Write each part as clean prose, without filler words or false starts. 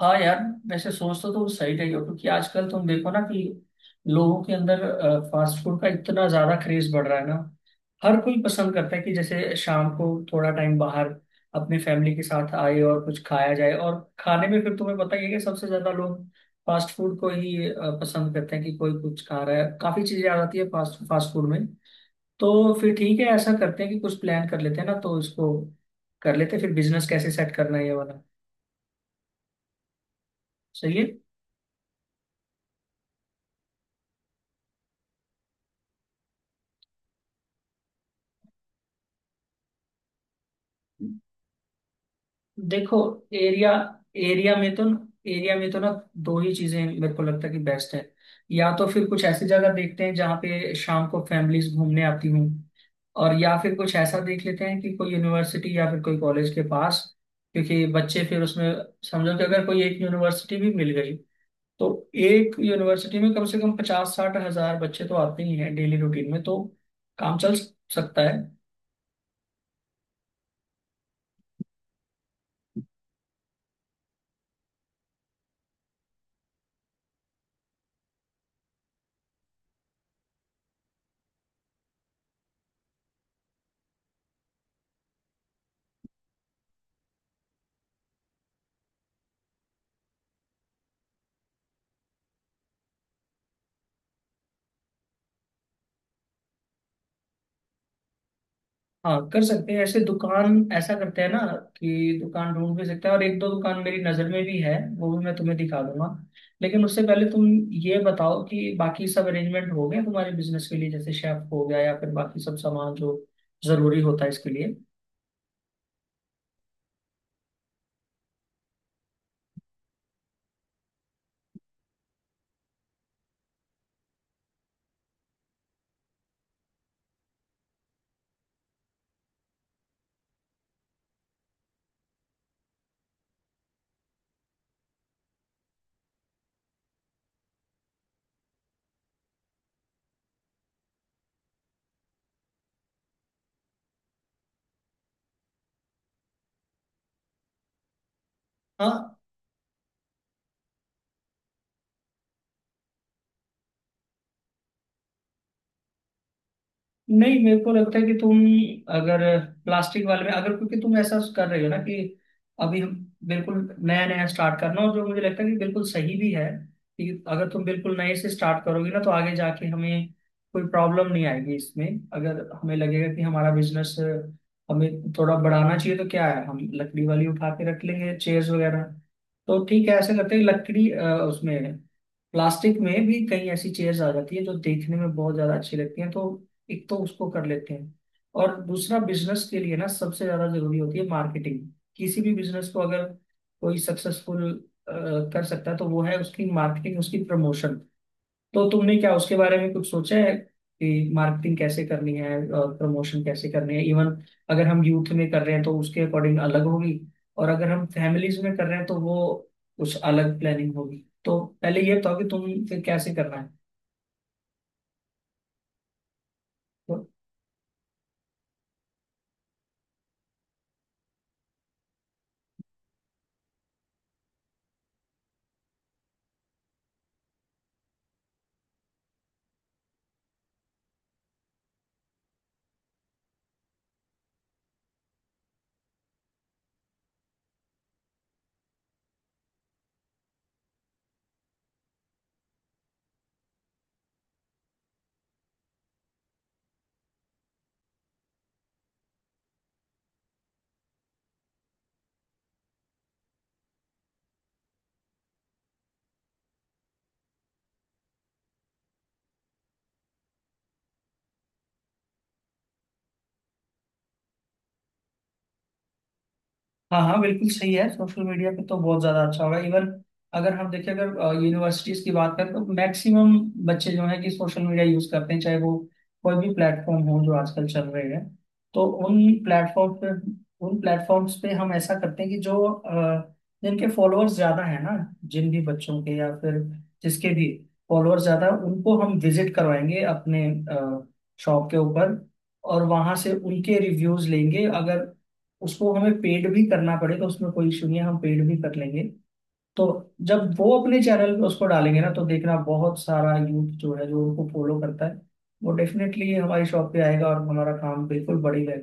हाँ यार। वैसे सोच तो तुम सही रही हो, क्योंकि आजकल तुम देखो ना कि लोगों के अंदर फास्ट फूड का इतना ज्यादा क्रेज बढ़ रहा है ना। हर कोई पसंद करता है कि जैसे शाम को थोड़ा टाइम बाहर अपनी फैमिली के साथ आए और कुछ खाया जाए। और खाने में फिर तुम्हें पता ही है कि सबसे ज्यादा लोग फास्ट फूड को ही पसंद करते हैं। कि कोई कुछ खा रहा है, काफी चीजें आ जाती है फास्ट फास्ट फूड में। तो फिर ठीक है, ऐसा करते हैं कि कुछ प्लान कर लेते हैं ना, तो इसको कर लेते हैं, फिर बिजनेस कैसे सेट करना है ये वाला सही है। देखो, एरिया एरिया में तो, एरिया में तो ना दो ही चीजें मेरे को लगता है कि बेस्ट है। या तो फिर कुछ ऐसी जगह देखते हैं जहाँ पे शाम को फैमिलीज घूमने आती हूँ, और या फिर कुछ ऐसा देख लेते हैं कि कोई यूनिवर्सिटी या फिर कोई कॉलेज के पास। क्योंकि बच्चे फिर उसमें, समझो कि अगर कोई एक यूनिवर्सिटी भी मिल गई, तो एक यूनिवर्सिटी में कम से कम 50-60 हज़ार बच्चे तो आते ही हैं डेली रूटीन में, तो काम चल सकता है। हाँ कर सकते हैं, ऐसे दुकान ऐसा करते हैं ना कि दुकान ढूंढ भी सकते हैं, और एक दो दुकान मेरी नज़र में भी है, वो भी मैं तुम्हें दिखा दूंगा। लेकिन उससे पहले तुम ये बताओ कि बाकी सब अरेंजमेंट हो गए तुम्हारे बिजनेस के लिए, जैसे शेफ हो गया या फिर बाकी सब सामान जो जरूरी होता है इसके लिए। हाँ, नहीं मेरे को लगता है कि तुम, अगर प्लास्टिक वाले में, अगर क्योंकि तुम ऐसा कर रहे हो ना कि अभी हम बिल्कुल नया नया स्टार्ट करना, और जो मुझे लगता है कि बिल्कुल सही भी है, कि अगर तुम बिल्कुल नए से स्टार्ट करोगे ना, तो आगे जाके हमें कोई प्रॉब्लम नहीं आएगी इसमें। अगर हमें लगेगा कि हमारा बिजनेस हमें थोड़ा बढ़ाना चाहिए, तो क्या है, हम लकड़ी वाली उठा के रख लेंगे चेयर्स वगैरह। तो ठीक है, ऐसे करते हैं लकड़ी उसमें, प्लास्टिक में भी कई ऐसी चेयर्स आ जाती है जो देखने में बहुत ज्यादा अच्छी लगती हैं, तो एक तो उसको कर लेते हैं। और दूसरा, बिजनेस के लिए ना सबसे ज्यादा जरूरी होती है मार्केटिंग। किसी भी बिजनेस को अगर कोई सक्सेसफुल कर सकता है, तो वो है उसकी मार्केटिंग, उसकी प्रमोशन। तो तुमने क्या उसके बारे में कुछ सोचा है कि मार्केटिंग कैसे करनी है और प्रमोशन कैसे करनी है। इवन अगर हम यूथ में कर रहे हैं तो उसके अकॉर्डिंग अलग होगी, और अगर हम फैमिलीज में कर रहे हैं तो वो कुछ अलग प्लानिंग होगी। तो पहले ये बताओ कि तुम फिर कैसे करना है। हाँ हाँ बिल्कुल सही है, सोशल मीडिया पे तो बहुत ज़्यादा अच्छा होगा। इवन अगर हम देखें, अगर यूनिवर्सिटीज़ की बात करें, तो मैक्सिमम बच्चे जो हैं कि सोशल मीडिया यूज़ करते हैं, चाहे वो कोई भी प्लेटफॉर्म हो जो आजकल चल रहे हैं। तो प्लेटफॉर्म पे उन प्लेटफॉर्म्स पे हम ऐसा करते हैं कि जो जिनके फॉलोअर्स ज़्यादा हैं ना, जिन भी बच्चों के या फिर जिसके भी फॉलोअर्स ज़्यादा हैं, उनको हम विजिट करवाएंगे अपने शॉप के ऊपर, और वहां से उनके रिव्यूज लेंगे। अगर उसको हमें पेड भी करना पड़ेगा, उसमें कोई इशू नहीं है, हम पेड भी कर लेंगे। तो जब वो अपने चैनल पे उसको डालेंगे ना, तो देखना बहुत सारा यूथ जो है जो उनको फॉलो करता है, वो डेफिनेटली हमारी शॉप पे आएगा और हमारा काम बिल्कुल बढ़ेगा।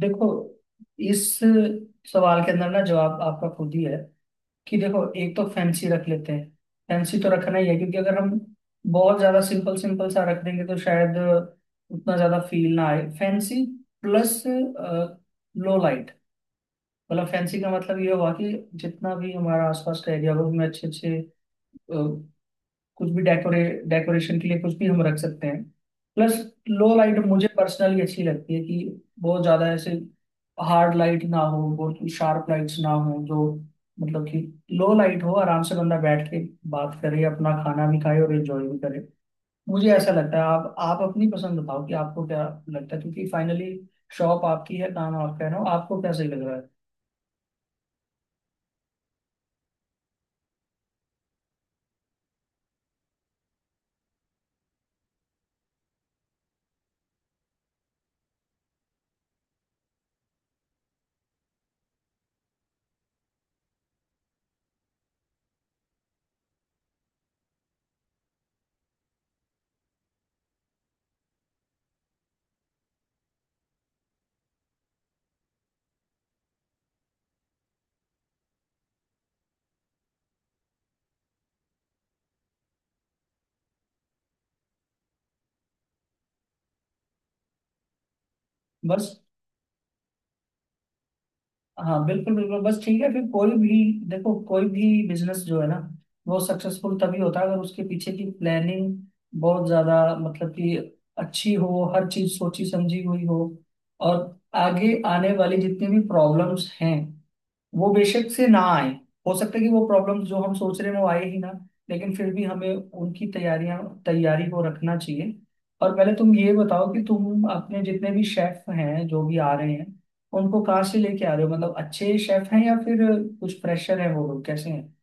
देखो, इस सवाल के अंदर ना जवाब आपका खुद ही है। कि देखो, एक तो फैंसी रख लेते हैं। फैंसी तो रखना ही है, क्योंकि अगर हम बहुत ज्यादा सिंपल सिंपल सा रख देंगे तो शायद उतना ज्यादा फील ना आए। Fancy plus low light. मतलब फैंसी का मतलब ये हुआ कि जितना भी हमारा आसपास का एरिया हो उसमें अच्छे अच्छे कुछ भी डेकोरेशन के लिए कुछ भी हम रख सकते हैं। प्लस लो लाइट मुझे पर्सनली अच्छी लगती है, कि बहुत ज्यादा ऐसे हार्ड लाइट ना हो, बहुत शार्प लाइट्स ना हो जो, मतलब कि लो लाइट हो, आराम से बंदा बैठ के बात करे, अपना खाना भी खाए और एंजॉय भी करे। मुझे ऐसा लगता है। आप अपनी पसंद बताओ कि आपको क्या लगता है, क्योंकि फाइनली शॉप आपकी है, काम आपका है ना, आपको क्या सही लग रहा है। बस, हाँ बिल्कुल बिल्कुल, बस ठीक है फिर। कोई भी, देखो कोई भी बिजनेस जो है ना, वो सक्सेसफुल तभी होता है अगर उसके पीछे की प्लानिंग बहुत ज्यादा, मतलब कि अच्छी हो, हर चीज सोची समझी हुई हो। और आगे आने वाली जितनी भी प्रॉब्लम्स हैं वो बेशक से ना आए। हो सकता है कि वो प्रॉब्लम्स जो हम सोच रहे हैं वो आए ही ना, लेकिन फिर भी हमें उनकी तैयारियां तैयारी को रखना चाहिए। और पहले तुम ये बताओ कि तुम अपने जितने भी शेफ हैं जो भी आ रहे हैं, उनको कहाँ से लेके आ रहे हो, मतलब अच्छे शेफ हैं या फिर कुछ प्रेशर है, वो लोग कैसे हैं।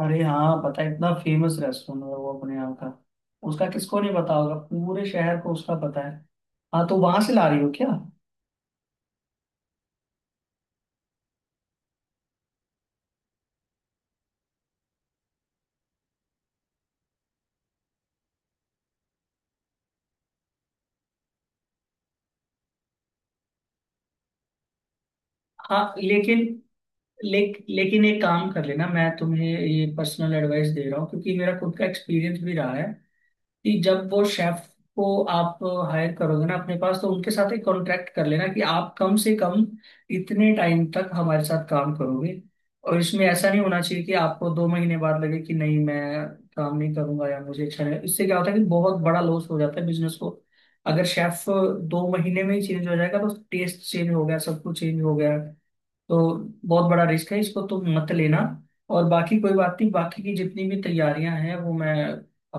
अरे हाँ पता है, इतना फेमस रेस्टोरेंट है वो अपने यहाँ का, उसका किसको नहीं पता होगा, पूरे शहर को उसका पता है। हाँ, तो वहां से ला रही हो क्या? हाँ लेकिन, लेकिन एक काम कर लेना, मैं तुम्हें ये पर्सनल एडवाइस दे रहा हूँ क्योंकि मेरा खुद का एक्सपीरियंस भी रहा है, कि जब वो शेफ को आप हायर करोगे ना अपने पास, तो उनके साथ एक कॉन्ट्रैक्ट कर लेना कि आप कम से कम इतने टाइम तक हमारे साथ काम करोगे। और इसमें ऐसा नहीं होना चाहिए कि आपको 2 महीने बाद लगे कि नहीं, मैं काम नहीं करूंगा या मुझे अच्छा नहीं। इससे क्या होता है कि बहुत बड़ा लॉस हो जाता है बिजनेस को। अगर शेफ 2 महीने में ही चेंज हो जाएगा तो टेस्ट चेंज हो गया, सब कुछ चेंज हो गया। तो बहुत बड़ा रिस्क है, इसको तो मत लेना। और बाकी कोई बात नहीं, बाकी की जितनी भी तैयारियां हैं वो मैं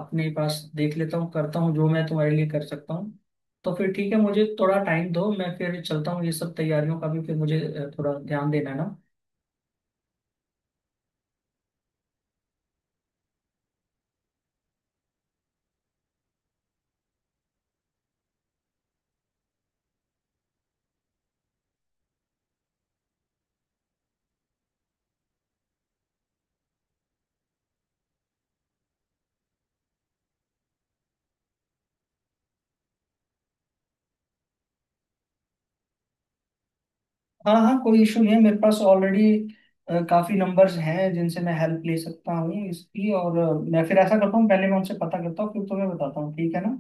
अपने पास देख लेता हूँ, करता हूँ जो मैं तुम्हारे लिए कर सकता हूँ। तो फिर ठीक है, मुझे थोड़ा टाइम दो, मैं फिर चलता हूँ, ये सब तैयारियों का भी फिर मुझे थोड़ा ध्यान देना है ना। हाँ हाँ कोई इशू नहीं है, मेरे पास ऑलरेडी काफी नंबर्स हैं जिनसे मैं हेल्प ले सकता हूँ इसकी। और मैं फिर ऐसा करता हूँ, पहले मैं उनसे पता करता हूँ, फिर तुम्हें बताता हूँ ठीक है ना।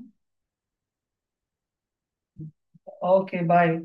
Okay bye.